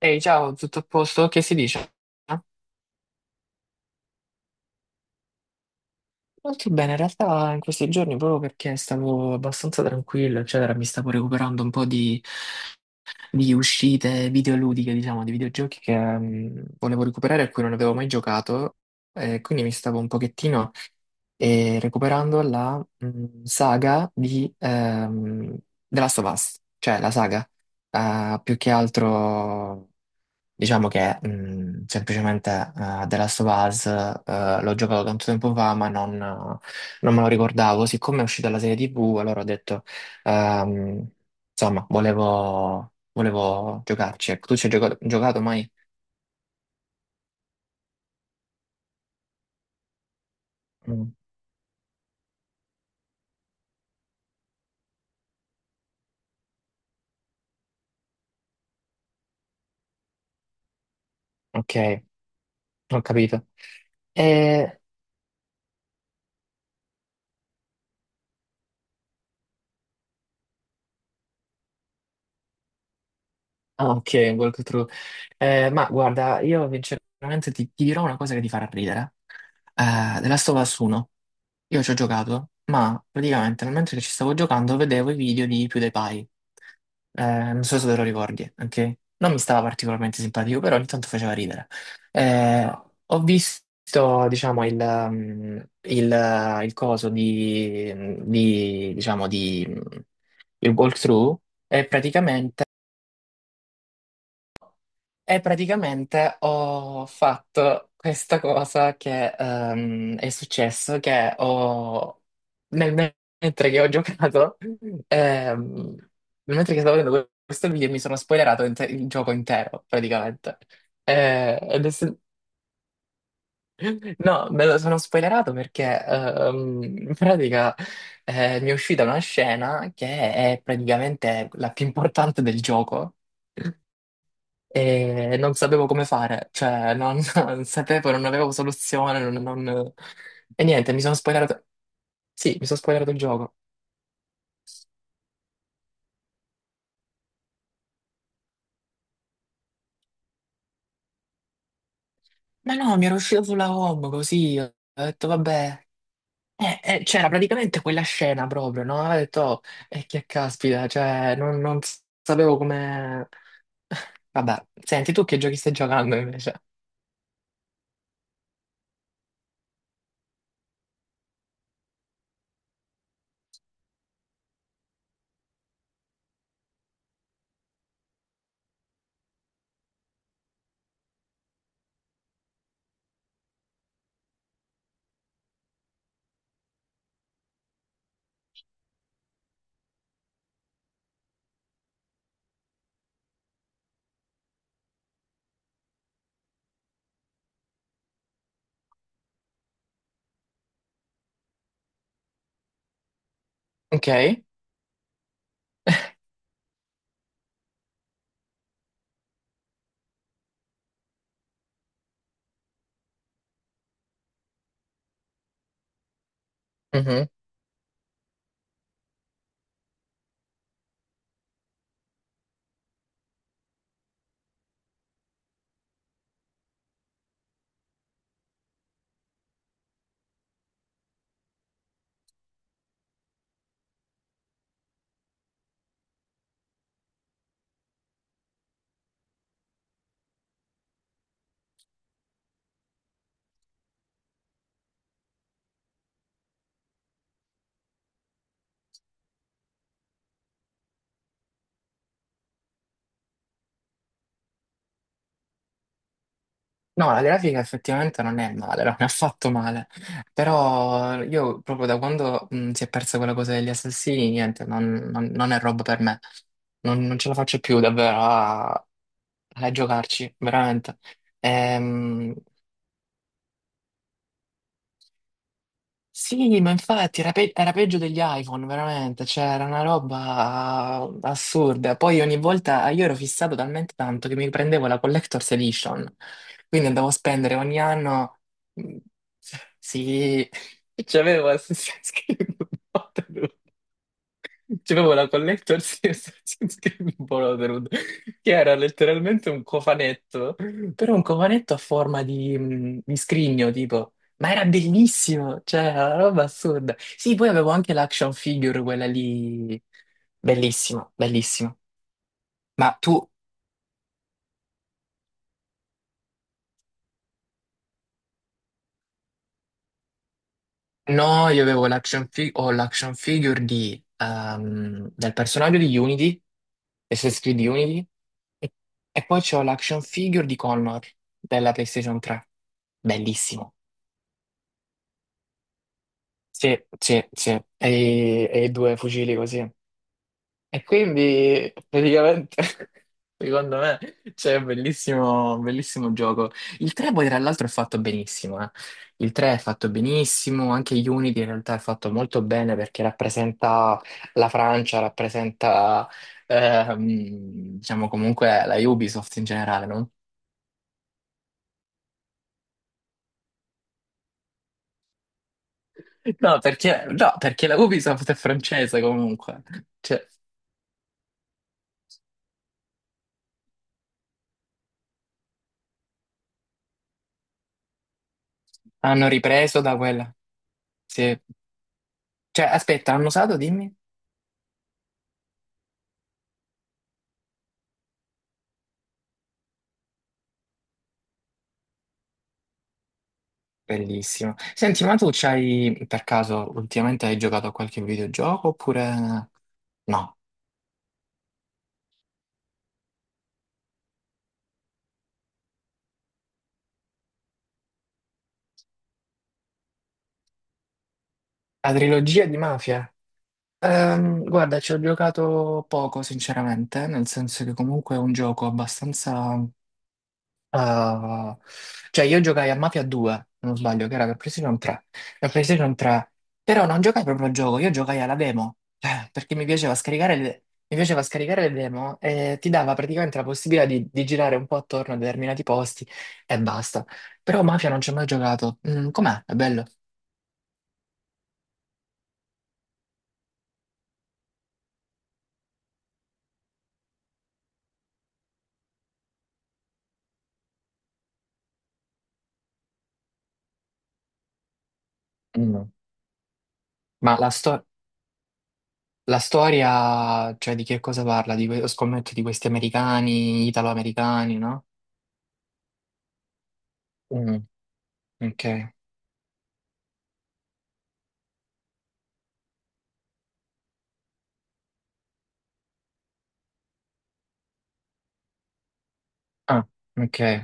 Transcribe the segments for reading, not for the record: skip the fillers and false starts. Ehi, ciao, tutto a posto? Che si dice? Ah, molto bene, in realtà in questi giorni proprio perché stavo abbastanza tranquillo, eccetera, mi stavo recuperando un po' di uscite videoludiche, diciamo, di videogiochi che volevo recuperare e a cui non avevo mai giocato, e quindi mi stavo un pochettino recuperando la saga di The Last of Us, cioè la saga, più che altro. Diciamo che semplicemente The Last of Us l'ho giocato tanto tempo fa, ma non me lo ricordavo. Siccome è uscita la serie TV, allora ho detto, ehm, insomma, volevo giocarci. Ecco, tu ci hai giocato mai? Mm, ok, ho capito. E... ah, ok, walkthrough. Ma guarda, io sinceramente ti dirò una cosa che ti farà ridere. The Last of Us 1. Io ci ho giocato, ma praticamente nel mentre che ci stavo giocando vedevo i video di PewDiePie. Eh, Non so se te lo ricordi, ok? Non mi stava particolarmente simpatico, però ogni tanto faceva ridere. Ho visto, diciamo, il, il coso di, diciamo, di, il walkthrough e praticamente e praticamente ho fatto questa cosa che è successo, nel mentre che ho giocato, ehm, nel mentre che stavo vedendo questo video mi sono spoilerato il gioco intero, praticamente. Ed è se- No, me lo sono spoilerato perché in pratica mi è uscita una scena che è praticamente la più importante del gioco e non sapevo come fare, cioè non, non sapevo, non avevo soluzione, e niente, mi sono spoilerato, sì, mi sono spoilerato il gioco. Ma no, mi era uscito sulla home così, ho detto vabbè, c'era praticamente quella scena proprio, no? Ho detto, oh, e che caspita, cioè non sapevo come... Vabbè, senti, tu che giochi stai giocando invece? Ok? No, la grafica effettivamente non è male, non è affatto male, però io proprio da quando si è persa quella cosa degli assassini, niente, non è roba per me, non ce la faccio più davvero a giocarci, veramente. Ehm, Sì, ma infatti era, era peggio degli iPhone, veramente, cioè era una roba assurda. Poi ogni volta io ero fissato talmente tanto che mi prendevo la Collector's Edition, quindi andavo a spendere ogni anno... mm, sì, c'avevo Assassin's Creed. C'è proprio la collector Series Borderwood, che era letteralmente un cofanetto, però un cofanetto a forma di scrigno, tipo. Ma era bellissimo, cioè, era una roba assurda. Sì, poi avevo anche l'action figure, quella lì, bellissima, bellissima. Ma tu No, io avevo l'action ho l'action figure di, del personaggio di Unity, Assassin's Creed Unity, e, e poi c'ho l'action figure di Connor della PlayStation 3. Bellissimo. Sì, sì, sì. E i due fucili così. E quindi praticamente, secondo me, c'è un bellissimo gioco. Il 3 poi tra l'altro è fatto benissimo, eh. Il 3 è fatto benissimo, anche Unity in realtà è fatto molto bene perché rappresenta la Francia, rappresenta, diciamo comunque la Ubisoft in generale, no? No, perché, no, perché la Ubisoft è francese comunque. Cioè, hanno ripreso da quella. Sì. Cioè, aspetta, hanno usato, dimmi. Bellissimo. Senti, ma tu c'hai, per caso, ultimamente hai giocato a qualche videogioco oppure no? La trilogia di Mafia? Guarda, ci ho giocato poco, sinceramente, nel senso che comunque è un gioco abbastanza... Ah, cioè io giocai a Mafia 2, se non sbaglio, che era per PlayStation 3, per PlayStation 3, però non giocai proprio al gioco, io giocai alla demo, perché mi piaceva scaricare le, mi piaceva scaricare le demo e ti dava praticamente la possibilità di girare un po' attorno a determinati posti e basta. Però Mafia non ci ho mai giocato. Mm, com'è? È bello? Mm. Ma la, sto- la storia, cioè di che cosa parla? Di scommetto di questi americani, italo-americani, no? Mm, ok. Ah, ok.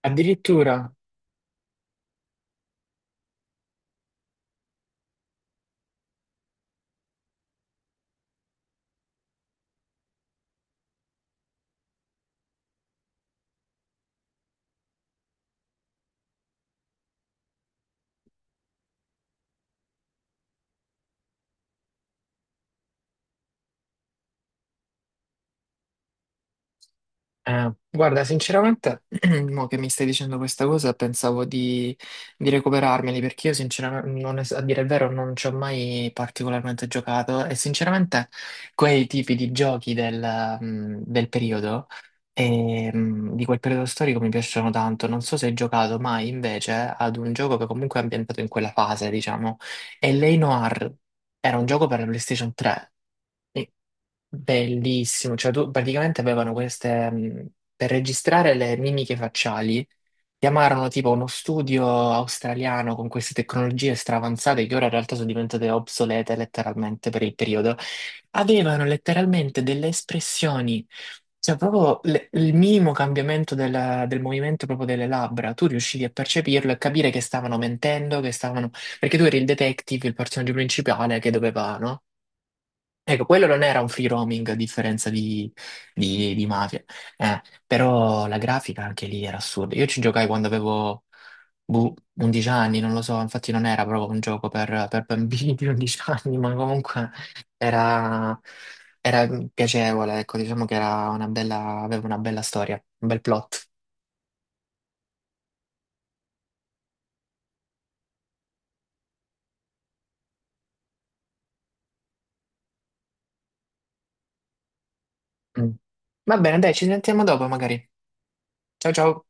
Addirittura, guarda, sinceramente, mo che mi stai dicendo questa cosa, pensavo di recuperarmeli perché io, sinceramente, non es- a dire il vero, non ci ho mai particolarmente giocato e, sinceramente, quei tipi di giochi del, del periodo, di quel periodo storico mi piacciono tanto. Non so se hai giocato mai invece ad un gioco che comunque è ambientato in quella fase, diciamo, e L.A. Noire era un gioco per la PlayStation 3. Bellissimo, cioè tu praticamente avevano queste, per registrare le mimiche facciali, chiamarono tipo uno studio australiano con queste tecnologie straavanzate che ora in realtà sono diventate obsolete letteralmente per il periodo, avevano letteralmente delle espressioni, cioè proprio il minimo cambiamento del, del movimento proprio delle labbra, tu riuscivi a percepirlo e capire che stavano mentendo, che stavano... perché tu eri il detective, il personaggio principale che doveva, no? Ecco, quello non era un free roaming a differenza di, di Mafia, eh, però la grafica anche lì era assurda. Io ci giocai quando avevo boh, 11 anni, non lo so, infatti non era proprio un gioco per bambini di 11 anni, ma comunque era, era piacevole, ecco, diciamo che era una bella, aveva una bella storia, un bel plot. Mm. Va bene, dai, ci sentiamo dopo magari. Ciao ciao.